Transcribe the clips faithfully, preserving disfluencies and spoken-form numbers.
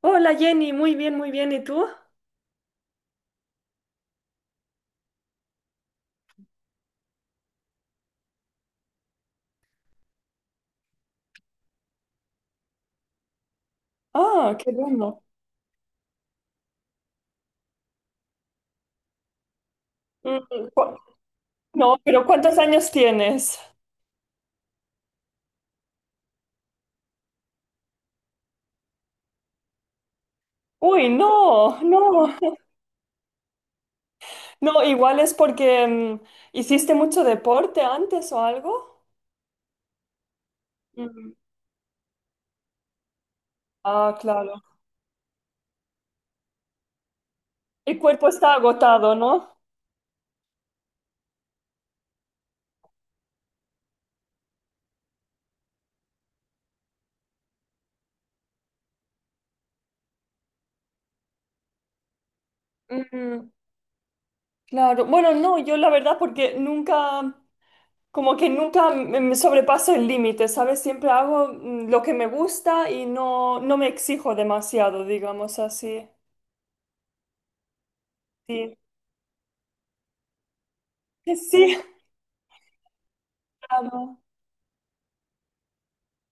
Hola Jenny, muy bien, muy bien. ¿Y tú? Ah, qué bueno. Mm, Cu- No, pero ¿cuántos años tienes? Uy, no, no. No, igual es porque mm, hiciste mucho deporte antes o algo. mm, Ah, claro. El cuerpo está agotado, ¿no? Mm. Claro. Bueno, no, yo la verdad porque nunca, como que nunca me me sobrepaso el límite, ¿sabes? Siempre hago mm, lo que me gusta y no, no me exijo demasiado, digamos así. Sí. Sí. Amo.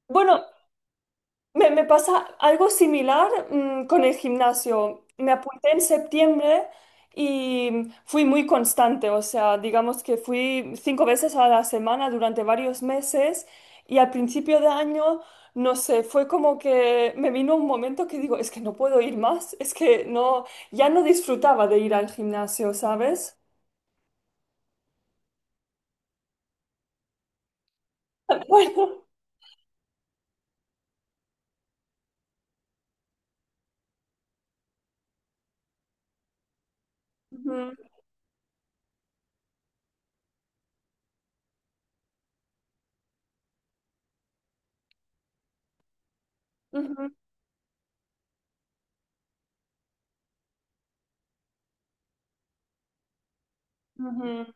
Bueno, me, me pasa algo similar mm, con el gimnasio. Me apunté en septiembre y fui muy constante, o sea, digamos que fui cinco veces a la semana durante varios meses y al principio de año, no sé, fue como que me vino un momento que digo, es que no puedo ir más, es que no, ya no disfrutaba de ir al gimnasio, ¿sabes? Bueno. Ujú, ujú, ujú.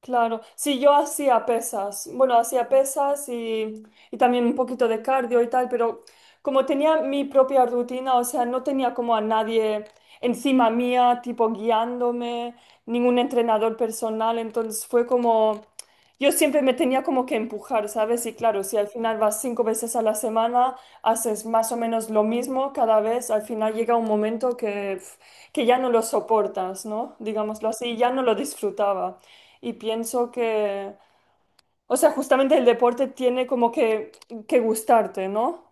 Claro, sí, yo hacía pesas, bueno, hacía pesas y, y también un poquito de cardio y tal, pero como tenía mi propia rutina, o sea, no tenía como a nadie encima mía, tipo guiándome, ningún entrenador personal, entonces fue como, yo siempre me tenía como que empujar, ¿sabes? Y claro, si al final vas cinco veces a la semana, haces más o menos lo mismo cada vez, al final llega un momento que, que, ya no lo soportas, ¿no? Digámoslo así, ya no lo disfrutaba. Y pienso que, o sea, justamente el deporte tiene como que, que gustarte, ¿no?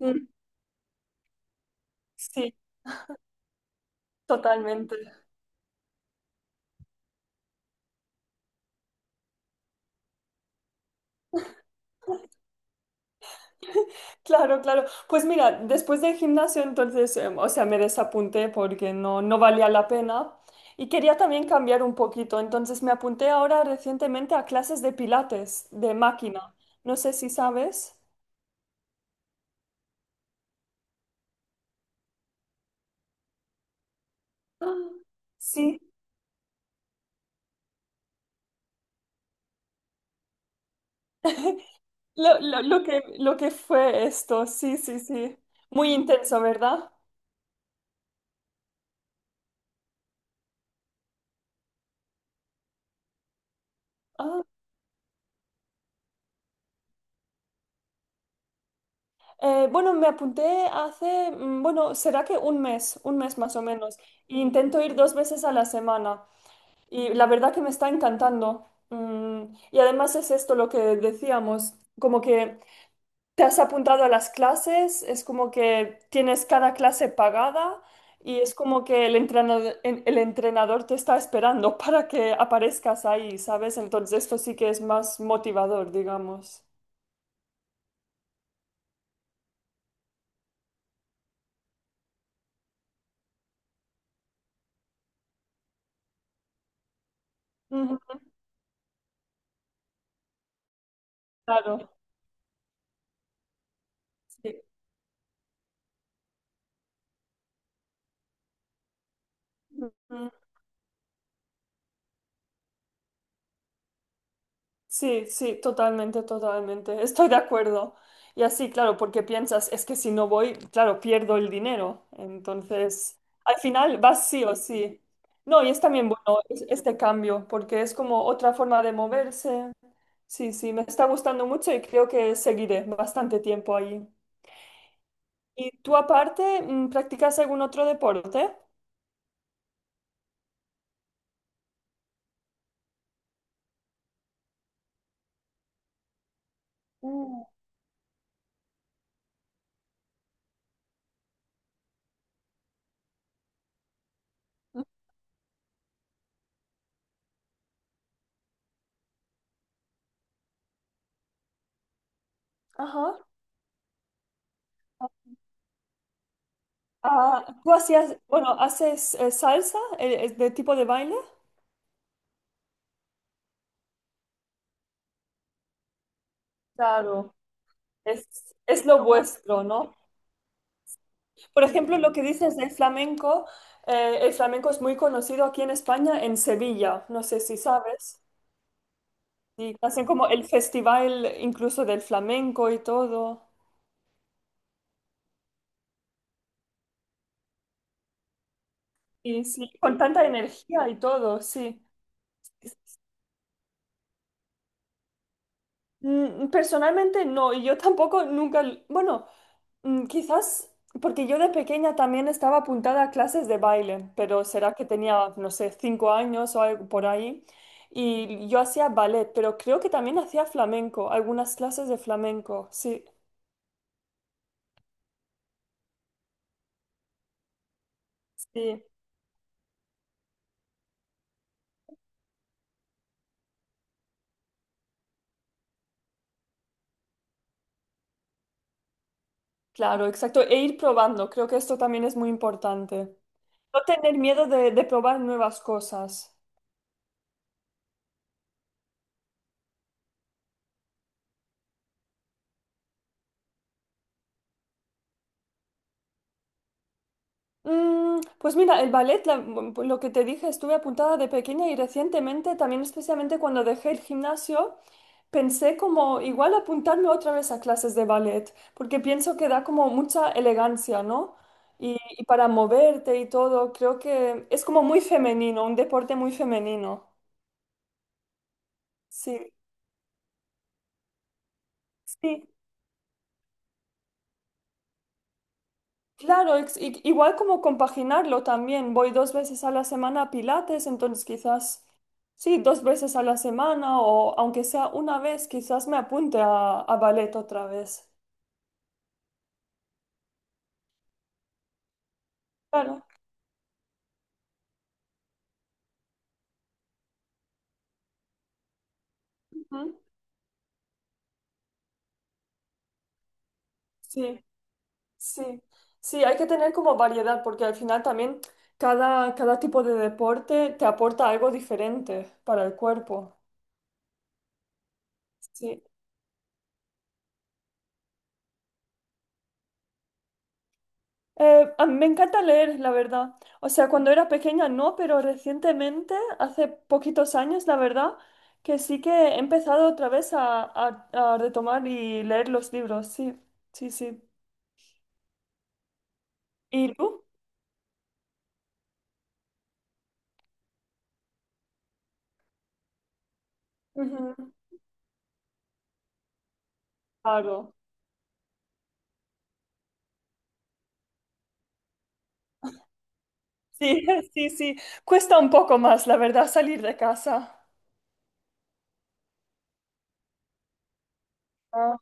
Mm. Sí, totalmente. Claro, claro. Pues mira, después del gimnasio, entonces, em, o sea, me desapunté porque no, no valía la pena. Y quería también cambiar un poquito. Entonces me apunté ahora recientemente a clases de Pilates, de máquina. No sé si sabes. Ah, sí. Lo, lo- lo que, lo que fue esto, sí, sí, sí. Muy intenso, ¿verdad? Ah. Eh, bueno, me apunté hace, mm, bueno, será que un mes, un mes más o menos. Y intento ir dos veces a la semana. Y la verdad que me está encantando. Mm, y además es esto lo que decíamos, como que te has apuntado a las clases, es como que tienes cada clase pagada y es como que el entrenador, el entrenador te está esperando para que aparezcas ahí, ¿sabes? Entonces esto sí que es más motivador, digamos. Ujú. Claro. Sí. Sí, sí, totalmente, totalmente. Estoy de acuerdo. Y así, claro, porque piensas, es que si no voy, claro, pierdo el dinero. Entonces, al final vas sí o sí. No, y es también bueno es- este cambio, porque es como otra forma de moverse. Sí, sí, me está gustando mucho y creo que seguiré bastante tiempo ahí. ¿Y tú aparte, mm, practicas algún otro deporte? Mm. Ajá. Ah, ¿tú hacías, bueno, haces eh, salsa, eh, eh, de tipo de baile? Claro. Es, es lo vuestro, ¿no? Por ejemplo, lo que dices del flamenco, eh, el flamenco es muy conocido aquí en España, en Sevilla, no sé si sabes. Y hacen como el festival incluso del flamenco y todo. Y sí, con tanta energía y todo, sí. Mm, Personalmente no, y yo tampoco nunca, l- bueno, mm, quizás porque yo de pequeña también estaba apuntada a clases de baile, pero será que tenía, no sé, cinco años o algo por ahí, y yo hacía ballet, pero creo que también hacía flamenco, algunas clases de flamenco, sí, sí, claro, exacto, e ir probando, creo que esto también es muy importante. No tener miedo de, de probar nuevas cosas. Mm, Pues mira, el ballet, la- mm, lo que te dije, estuve apuntada de pequeña y recientemente, también especialmente cuando dejé el gimnasio, pensé como igual apuntarme otra vez a clases de ballet, porque pienso que da como mucha elegancia, ¿no? Y, y para moverte y todo, creo que es como muy femenino, un deporte muy femenino. Sí, sí. Claro, ex- i- igual como compaginarlo también. Voy dos veces a la semana a Pilates, entonces quizás, sí, dos veces a la semana o aunque sea una vez, quizás me apunte a, a ballet otra vez. Claro. Ujú. Sí, sí. Sí, hay que tener como variedad porque al final también cada, cada tipo de deporte te aporta algo diferente para el cuerpo. Sí. Eh, a mí me encanta leer, la verdad. O sea, cuando era pequeña no, pero recientemente, hace poquitos años, la verdad, que sí que he empezado otra vez a, a- a retomar y leer los libros. Sí, sí, sí. ¿Y tú? Ujú. Claro. Sí, sí, sí. Cuesta un poco más, la verdad, salir de casa. Ah,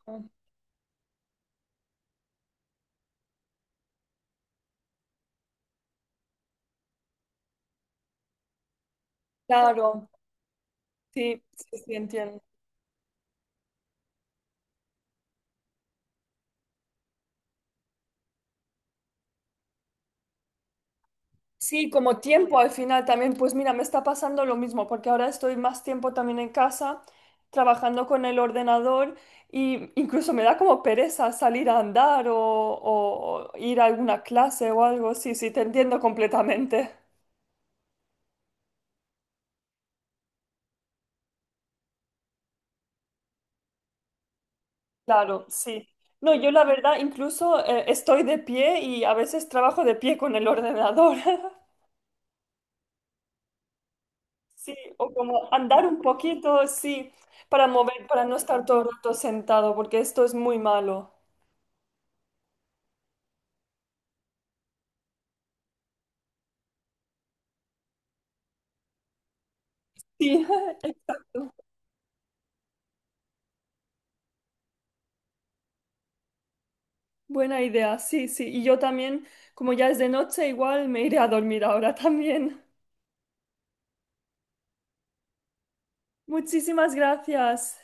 claro. Sí, sí, sí, entiendo. Sí, como tiempo al final también, pues mira, me está pasando lo mismo, porque ahora estoy más tiempo también en casa, trabajando con el ordenador, y incluso me da como pereza salir a andar o, o ir a alguna clase o algo. Sí, sí, te entiendo completamente. Claro, sí. No, yo la verdad incluso eh, estoy de pie y a veces trabajo de pie con el ordenador. Sí, o como andar un poquito, sí, para mover, para no estar todo el rato sentado, porque esto es muy malo. Sí, exacto. Buena idea, sí, sí. Y yo también, como ya es de noche, igual me iré a dormir ahora también. Muchísimas gracias.